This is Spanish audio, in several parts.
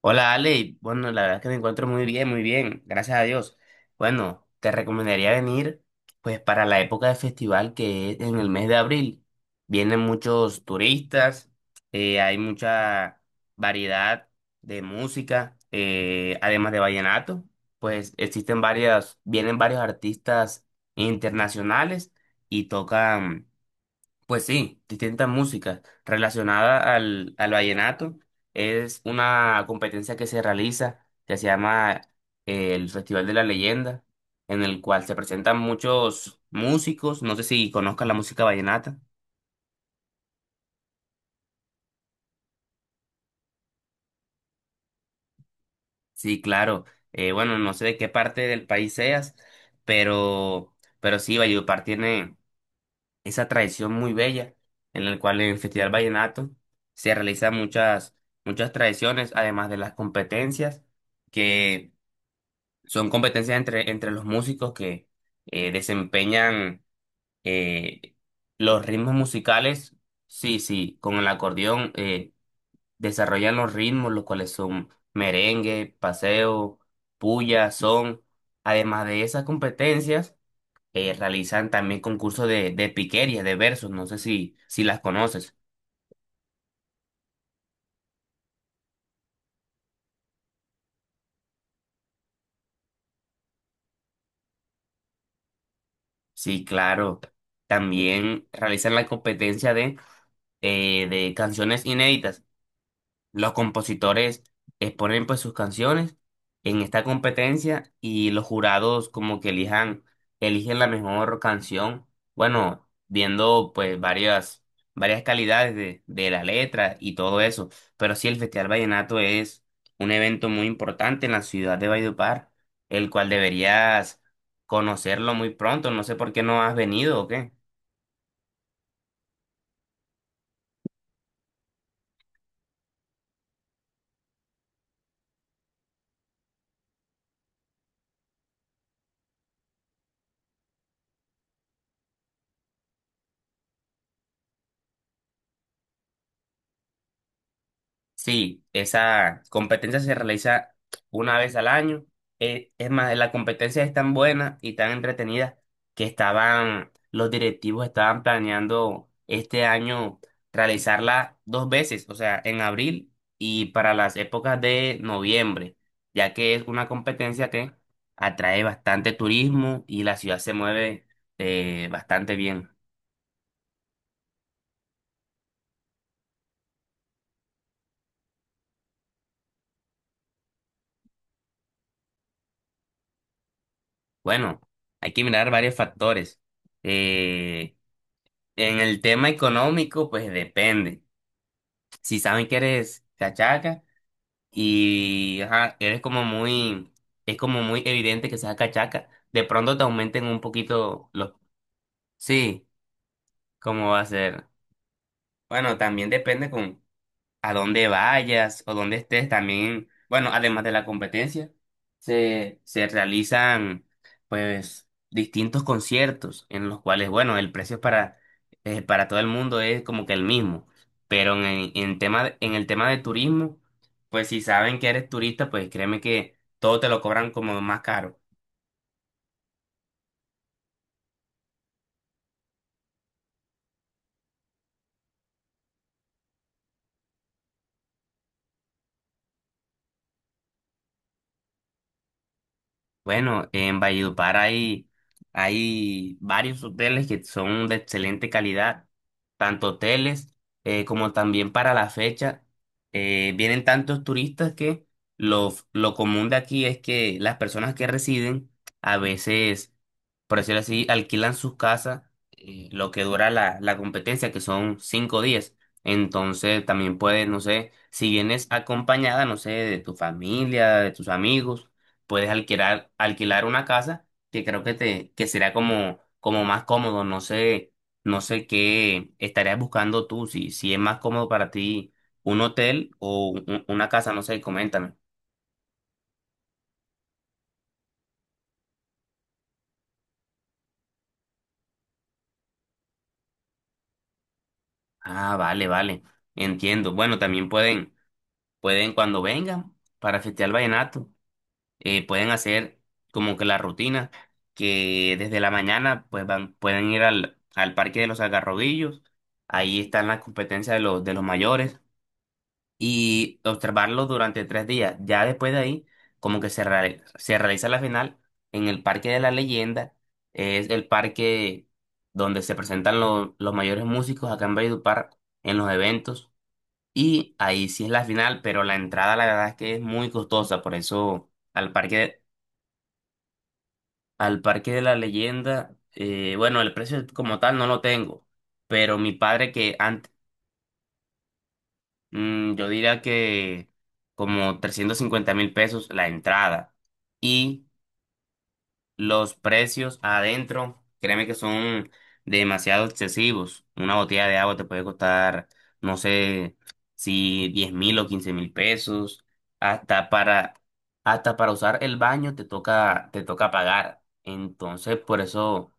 Hola Ale, bueno, la verdad es que me encuentro muy bien, gracias a Dios. Bueno, te recomendaría venir pues para la época de festival que es en el mes de abril. Vienen muchos turistas, hay mucha variedad de música, además de vallenato, pues existen varias, vienen varios artistas internacionales y tocan pues sí, distintas músicas relacionadas al vallenato. Es una competencia que se realiza, que se llama el Festival de la Leyenda, en el cual se presentan muchos músicos. No sé si conozcas la música vallenata. Sí, claro. Bueno, no sé de qué parte del país seas, pero, pero sí, Valledupar tiene esa tradición muy bella en la cual en el Festival Vallenato se realizan muchas tradiciones, además de las competencias, que son competencias entre los músicos que desempeñan eh, los ritmos musicales, sí, sí, con el acordeón desarrollan los ritmos, los cuales son merengue, paseo, puya, son. Además de esas competencias, realizan también concursos de piquería, de versos, no sé si las conoces. Sí, claro. También realizan la competencia de canciones inéditas. Los compositores exponen pues sus canciones en esta competencia y los jurados como que elijan, eligen la mejor canción, bueno, viendo pues varias calidades de la letra y todo eso. Pero sí, el Festival Vallenato es un evento muy importante en la ciudad de Valledupar, el cual deberías conocerlo muy pronto. No sé por qué no has venido o qué. Sí, esa competencia se realiza una vez al año. Es más, la competencia es tan buena y tan entretenida que los directivos estaban planeando este año realizarla dos veces, o sea, en abril y para las épocas de noviembre, ya que es una competencia que atrae bastante turismo y la ciudad se mueve bastante bien. Bueno, hay que mirar varios factores. Eh, En el tema económico, pues depende. Si saben que eres cachaca y ajá, eres como muy, es como muy evidente que seas cachaca, de pronto te aumenten un poquito los... Sí, ¿cómo va a ser? Bueno, también depende a donde vayas o donde estés también, bueno, además de la competencia, se realizan pues distintos conciertos en los cuales, bueno, el precio para todo el mundo es como que el mismo, pero en el tema de turismo, pues si saben que eres turista, pues créeme que todo te lo cobran como más caro. Bueno, en Valledupar hay varios hoteles que son de excelente calidad, tanto hoteles como también para la fecha. Vienen tantos turistas que lo común de aquí es que las personas que residen a veces, por decirlo así, alquilan sus casas lo que dura la competencia, que son 5 días. Entonces también puedes, no sé, si vienes acompañada, no sé, de tu familia, de tus amigos puedes alquilar una casa que creo que te, que será como, como más cómodo. No sé, no sé qué estarías buscando tú, si es más cómodo para ti un hotel o una casa, no sé, coméntame. Ah, vale, vale, entiendo. Bueno, también pueden cuando vengan para festear el vallenato, pueden hacer como que la rutina que desde la mañana pues van, pueden ir al Parque de los Algarrobillos. Ahí están las competencias de los mayores y observarlo durante 3 días. Ya después de ahí, como que se realiza la final en el Parque de la Leyenda, es el parque donde se presentan los mayores músicos acá en Valledupar en los eventos, y ahí sí es la final, pero la entrada la verdad es que es muy costosa, por eso al Parque de la Leyenda, bueno, el precio como tal no lo tengo, pero mi padre que antes... Mm, yo diría que como $350.000 la entrada y los precios adentro, créeme que son demasiado excesivos. Una botella de agua te puede costar, no sé, si 10.000 o 15.000 pesos. Hasta para, hasta para usar el baño te toca pagar. Entonces, por eso,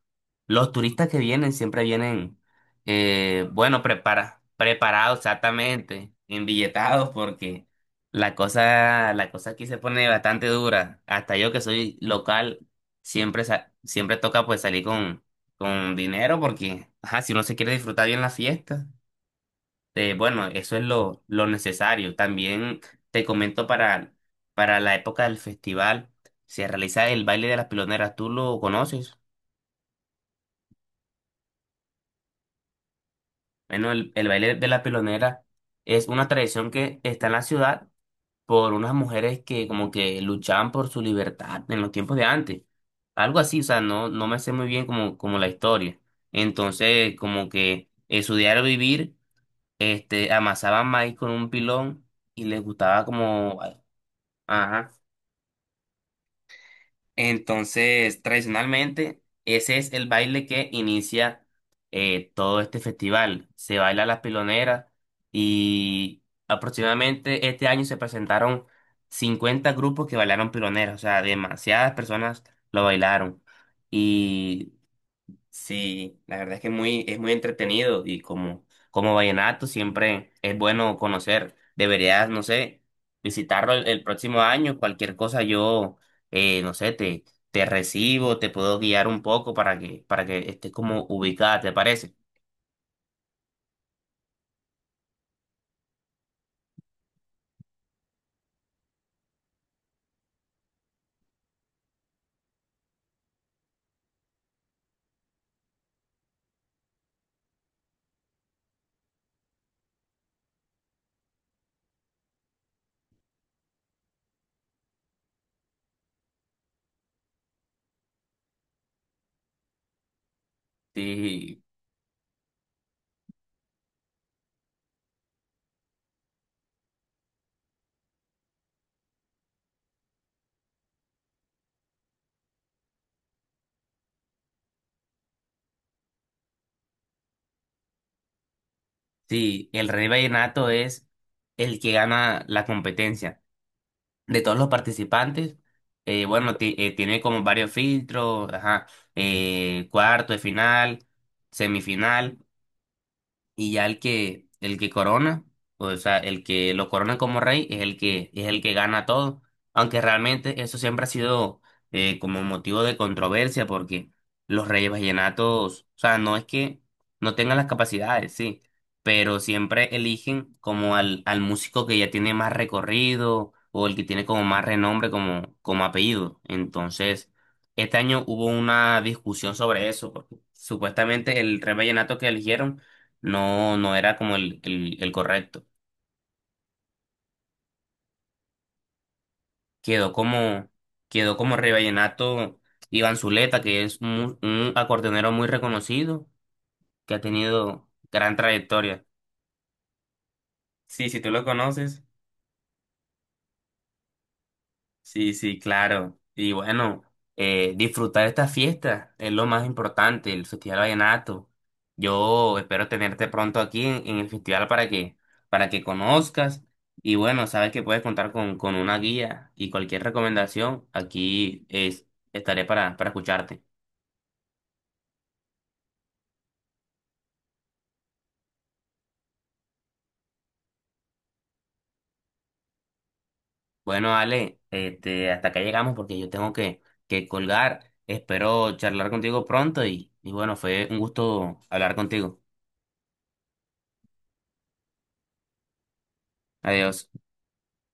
los turistas que vienen siempre vienen, bueno, preparados exactamente, embilletados, porque la cosa aquí se pone bastante dura. Hasta yo que soy local siempre, siempre toca pues salir con dinero porque, ajá, si uno se quiere disfrutar bien la fiesta, bueno, eso es lo necesario. También te comento para la época del festival, se realiza el baile de las piloneras, ¿tú lo conoces? Bueno, el baile de la pilonera es una tradición que está en la ciudad por unas mujeres que como que luchaban por su libertad en los tiempos de antes. Algo así, o sea, no, no me sé muy bien como, como la historia. Entonces, como que en su diario vivir, este, amasaban maíz con un pilón y les gustaba como, ajá, entonces, tradicionalmente, ese es el baile que inicia todo este festival. Se baila la pilonera y aproximadamente este año se presentaron 50 grupos que bailaron piloneras, o sea, demasiadas personas lo bailaron. Y sí, la verdad es que es muy entretenido y como, como vallenato siempre es bueno conocer. Deberías, no sé, visitarlo el próximo año. Cualquier cosa yo, no sé, te recibo, te puedo guiar un poco para que estés como ubicada, ¿te parece? Sí, sí, el rey vallenato es el que gana la competencia de todos los participantes. Bueno, tiene como varios filtros, ajá, cuarto de final, semifinal y ya el que corona, o sea, el que lo corona como rey es el que gana todo, aunque realmente eso siempre ha sido como motivo de controversia porque los reyes vallenatos, o sea, no es que no tengan las capacidades, sí, pero siempre eligen como al músico que ya tiene más recorrido o el que tiene como más renombre como apellido. Entonces, este año hubo una discusión sobre eso, porque supuestamente el rey vallenato que eligieron no, no era como el correcto. Quedó como, quedó como Vallenato Iván Zuleta, que es un acordeonero muy reconocido, que ha tenido gran trayectoria. Sí, si tú lo conoces, sí, sí, claro. Y bueno, disfrutar esta fiesta es lo más importante, el Festival Vallenato. Yo espero tenerte pronto aquí en el festival para que conozcas. Y bueno, sabes que puedes contar con una guía y cualquier recomendación, aquí es, estaré para escucharte. Bueno, Ale, este, hasta acá llegamos porque yo tengo que colgar. Espero charlar contigo pronto y bueno, fue un gusto hablar contigo. Adiós.